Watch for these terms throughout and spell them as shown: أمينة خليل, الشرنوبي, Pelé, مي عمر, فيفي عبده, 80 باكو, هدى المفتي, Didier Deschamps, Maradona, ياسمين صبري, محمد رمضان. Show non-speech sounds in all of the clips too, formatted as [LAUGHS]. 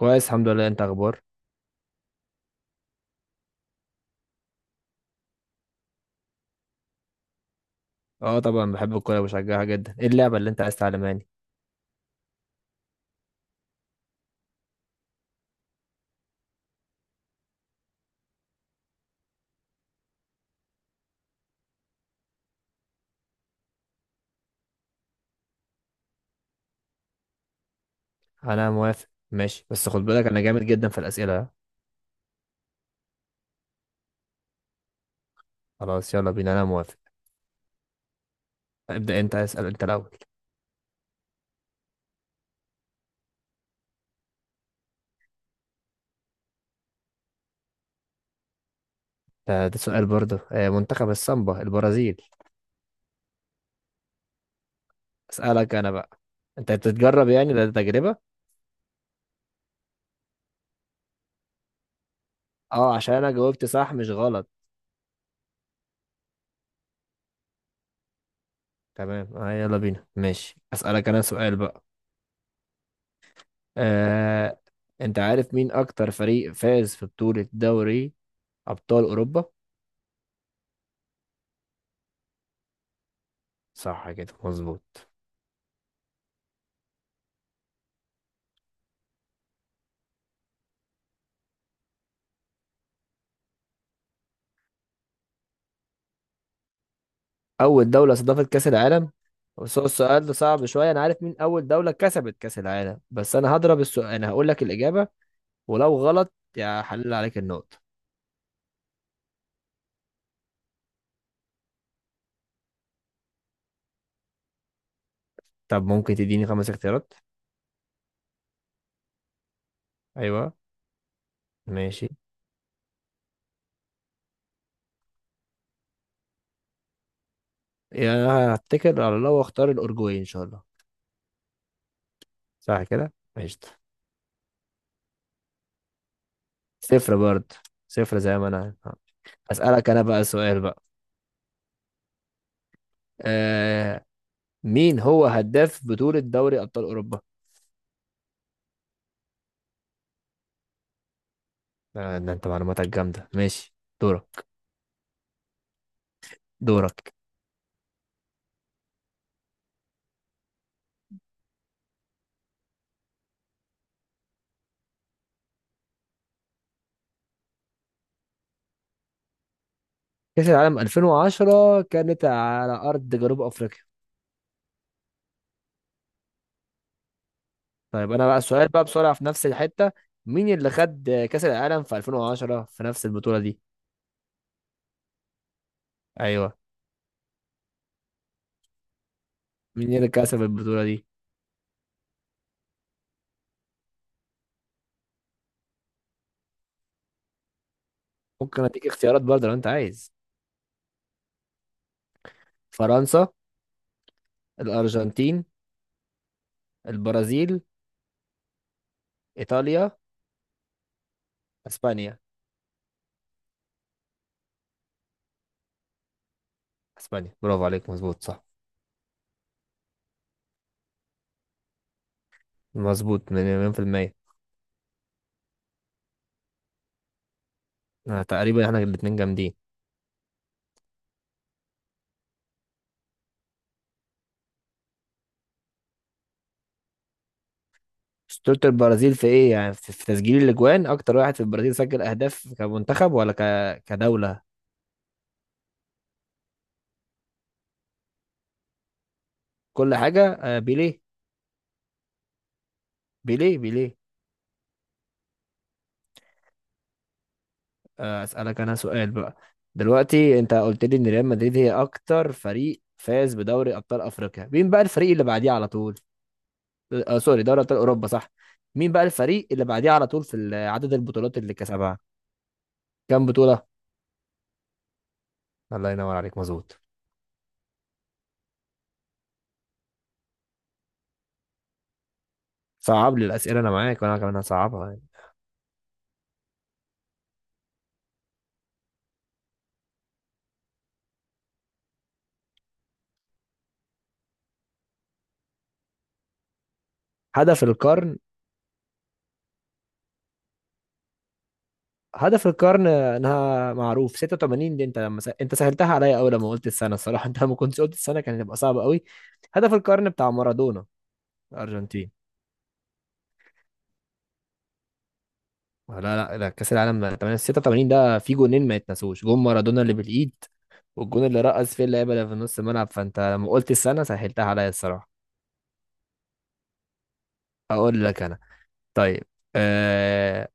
كويس الحمد لله، انت اخبار؟ اه، طبعا بحب الكوره وبشجعها جدا. ايه اللعبه اللي انت عايز تعلماني؟ انا موافق ماشي، بس خد بالك انا جامد جدا في الاسئله ها؟ خلاص يلا بينا، انا موافق. ابدا انت، اسال انت الاول. ده سؤال برضه. منتخب السامبا البرازيل. اسالك انا بقى. انت بتتجرب؟ يعني ده تجربه. اه عشان انا جاوبت صح مش غلط. تمام. يلا بينا ماشي. اسالك انا سؤال بقى. آه انت عارف مين اكتر فريق فاز في بطوله دوري ابطال اوروبا؟ صح كده مظبوط. اول دوله استضافت كاس العالم؟ بس هو السؤال ده صعب شويه. انا عارف مين اول دوله كسبت كاس العالم، بس انا هضرب السؤال. انا هقول لك الاجابه، ولو غلط يا حلل عليك النقطه. طب ممكن تديني خمس اختيارات. ايوه. ماشي. يعني انا هتكل على الله واختار الاورجواي ان شاء الله. صح كده ماشي. صفر برضه، صفر زي ما انا. اسالك انا بقى سؤال بقى. آه مين هو هداف بطوله دوري ابطال اوروبا؟ ده انت معلوماتك جامده ماشي. دورك. دورك. كأس العالم 2010 كانت على أرض جنوب أفريقيا. طيب أنا بقى السؤال بقى بسرعة في نفس الحتة. مين اللي خد كأس العالم في 2010 في نفس البطولة دي؟ أيوه. مين اللي كسب البطولة دي؟ ممكن أديك اختيارات برضه لو أنت عايز. فرنسا، الأرجنتين، البرازيل، إيطاليا، أسبانيا. أسبانيا، برافو عليك، مظبوط صح. مظبوط مليون في المية. تقريبا احنا الاتنين جامدين. اسطورة البرازيل في ايه يعني؟ في تسجيل الاجوان، اكتر واحد في البرازيل سجل اهداف كمنتخب ولا كدولة؟ كل حاجة. بيليه. بيليه بيليه. أسألك أنا سؤال بقى. دلوقتي أنت قلت لي إن ريال مدريد هي أكتر فريق فاز بدوري أبطال أفريقيا. مين بقى الفريق اللي بعديه على طول؟ آه سوري، دوري أبطال أوروبا صح. مين بقى الفريق اللي بعديه على طول في عدد البطولات اللي كسبها؟ كام بطولة؟ الله ينور عليك، مظبوط. صعب لي الأسئلة أنا معاك، وأنا كمان هصعبها يعني. هدف القرن. هدف القرن انها معروف، 86 دي. انت لما انت سهلتها عليا قوي لما قلت السنه الصراحه. [LAUGHS] انت لما كنت قلت السنه كان هيبقى صعب قوي. هدف القرن بتاع مارادونا. الارجنتين. لا لا لا، كاس العالم 8 86 ده، في جونين ما يتنسوش: جون مارادونا اللي بالايد، والجون اللي رقص فيه اللعيبه اللي في نص الملعب. فانت لما قلت السنه سهلتها عليا الصراحه. اقول لك انا. طيب. آه...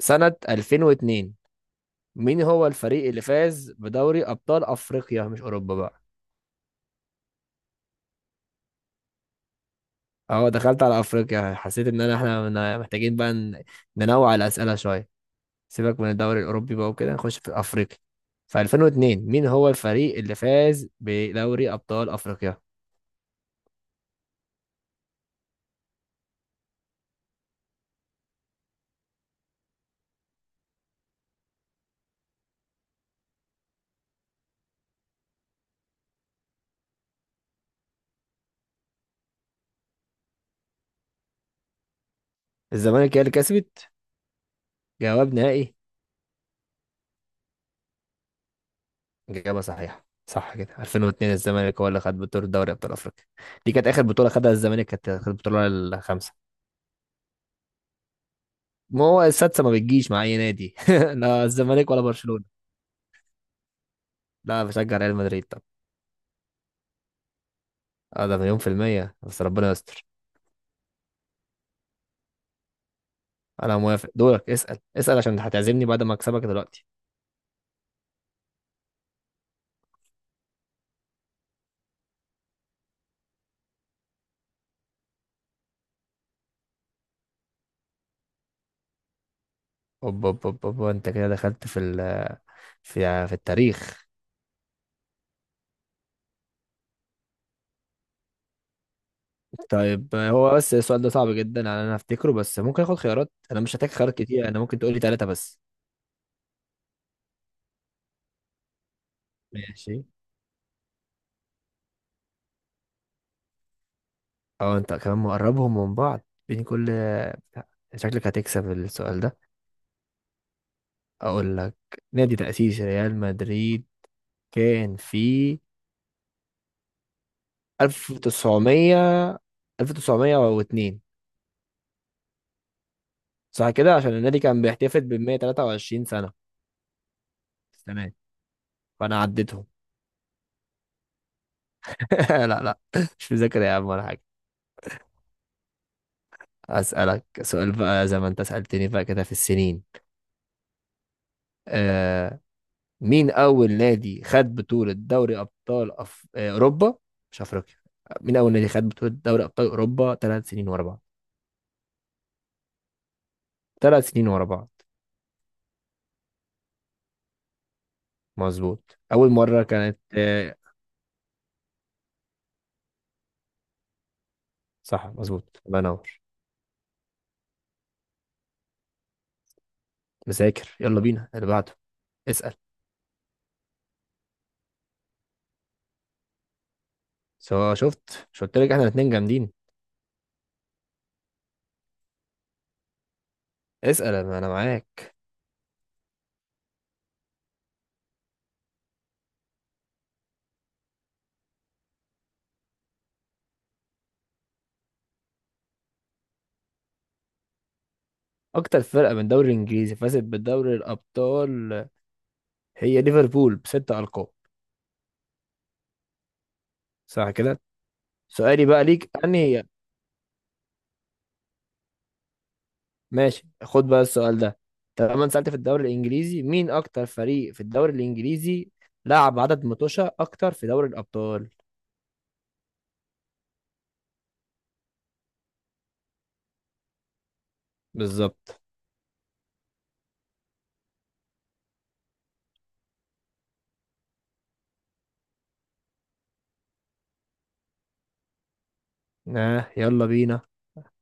سنه 2002، مين هو الفريق اللي فاز بدوري ابطال افريقيا مش اوروبا بقى؟ اه دخلت على افريقيا، حسيت ان انا احنا محتاجين بقى ننوع الاسئله شويه. سيبك من الدوري الاوروبي بقى، وكده نخش في افريقيا. في 2002 مين هو الفريق اللي فاز بدوري ابطال افريقيا؟ الزمالك هي اللي كسبت. جواب نهائي. اجابه صحيحه، صح كده. 2002 الزمالك هو اللي خد بطوله دوري ابطال افريقيا. دي كانت اخر بطوله خدها الزمالك. كانت البطوله الخامسه. ما هو السادسه ما بتجيش مع اي نادي. [LAUGHS] لا الزمالك ولا برشلونه. لا، بشجع ريال مدريد. طب اه، ده مليون في المية، بس ربنا يستر. انا موافق. دورك، اسال اسال، عشان هتعزمني بعد ما اكسبك دلوقتي. اوب اوب اوب اوب، انت كده دخلت في في التاريخ. طيب هو بس السؤال ده صعب جدا على انا افتكره. بس ممكن اخد خيارات. انا مش هحتاج خيارات كتير. انا ممكن تقولي ثلاثة بس. ماشي. اه انت كمان مقربهم من بعض، بين كل. شكلك هتكسب السؤال ده. اقول لك: نادي تأسيس ريال مدريد كان في 1900. 1902. صح كده، عشان النادي كان بيحتفل ب 123 سنة السنة دي. فأنا عديتهم. [LAUGHS] لا لا، مش مذاكر يا عم ولا حاجة. أسألك سؤال بقى زي ما أنت سألتني بقى كده في السنين. آه مين أول نادي خد بطولة دوري أبطال أف... آه، أوروبا مش أفريقيا. مين أول نادي خد بطولة دوري أبطال أوروبا ثلاث سنين ورا بعض؟ ثلاث سنين ورا بعض. مظبوط. أول مرة كانت صح مظبوط، الله ينور. مذاكر. يلا بينا اللي بعده. اسأل. سواء شفت، مش قلت لك احنا الاتنين جامدين. اسأل انا، أنا معاك. اكتر فرقة من الدوري الانجليزي فازت بدوري الابطال هي ليفربول بستة القاب. صح كده. سؤالي بقى ليك انهي. ماشي، خد بقى السؤال ده. طالما أنت سألت في الدوري الانجليزي، مين اكتر فريق في الدوري الانجليزي لعب عدد متوشة اكتر في دوري الابطال؟ بالظبط. يلا بينا.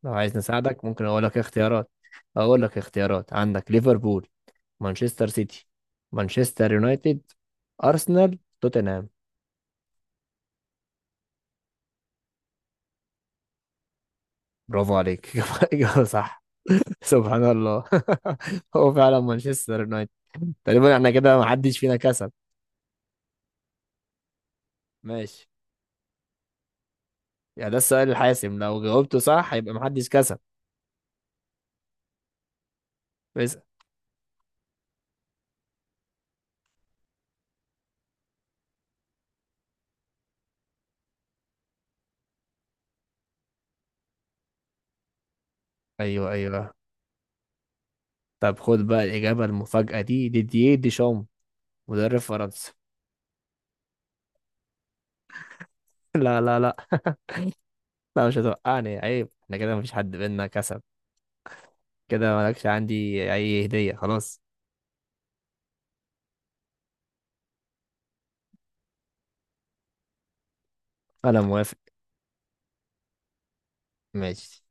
لو عايز نساعدك ممكن اقول لك اختيارات. اقول لك اختيارات: عندك ليفربول، مانشستر سيتي، مانشستر يونايتد، ارسنال، توتنهام. برافو عليك. [LAUGHS] إجابة صح. سبحان الله. [LAUGHS] هو فعلا مانشستر يونايتد. تقريبا احنا كده محدش فينا كسب. ماشي، يعني ده السؤال الحاسم، لو جاوبته صح يبقى محدش كسب. بس. ايوه ايوه. طب خد بقى الإجابة المفاجأة دي: ديدييه ديشام، مدرب فرنسا. [LAUGHS] لا لا لا. [LAUGHS] لا مش هتوقعني، عيب. احنا كده مفيش حد بينا كسب. كده مالكش عندي أي هدية خلاص. أنا موافق ماشي.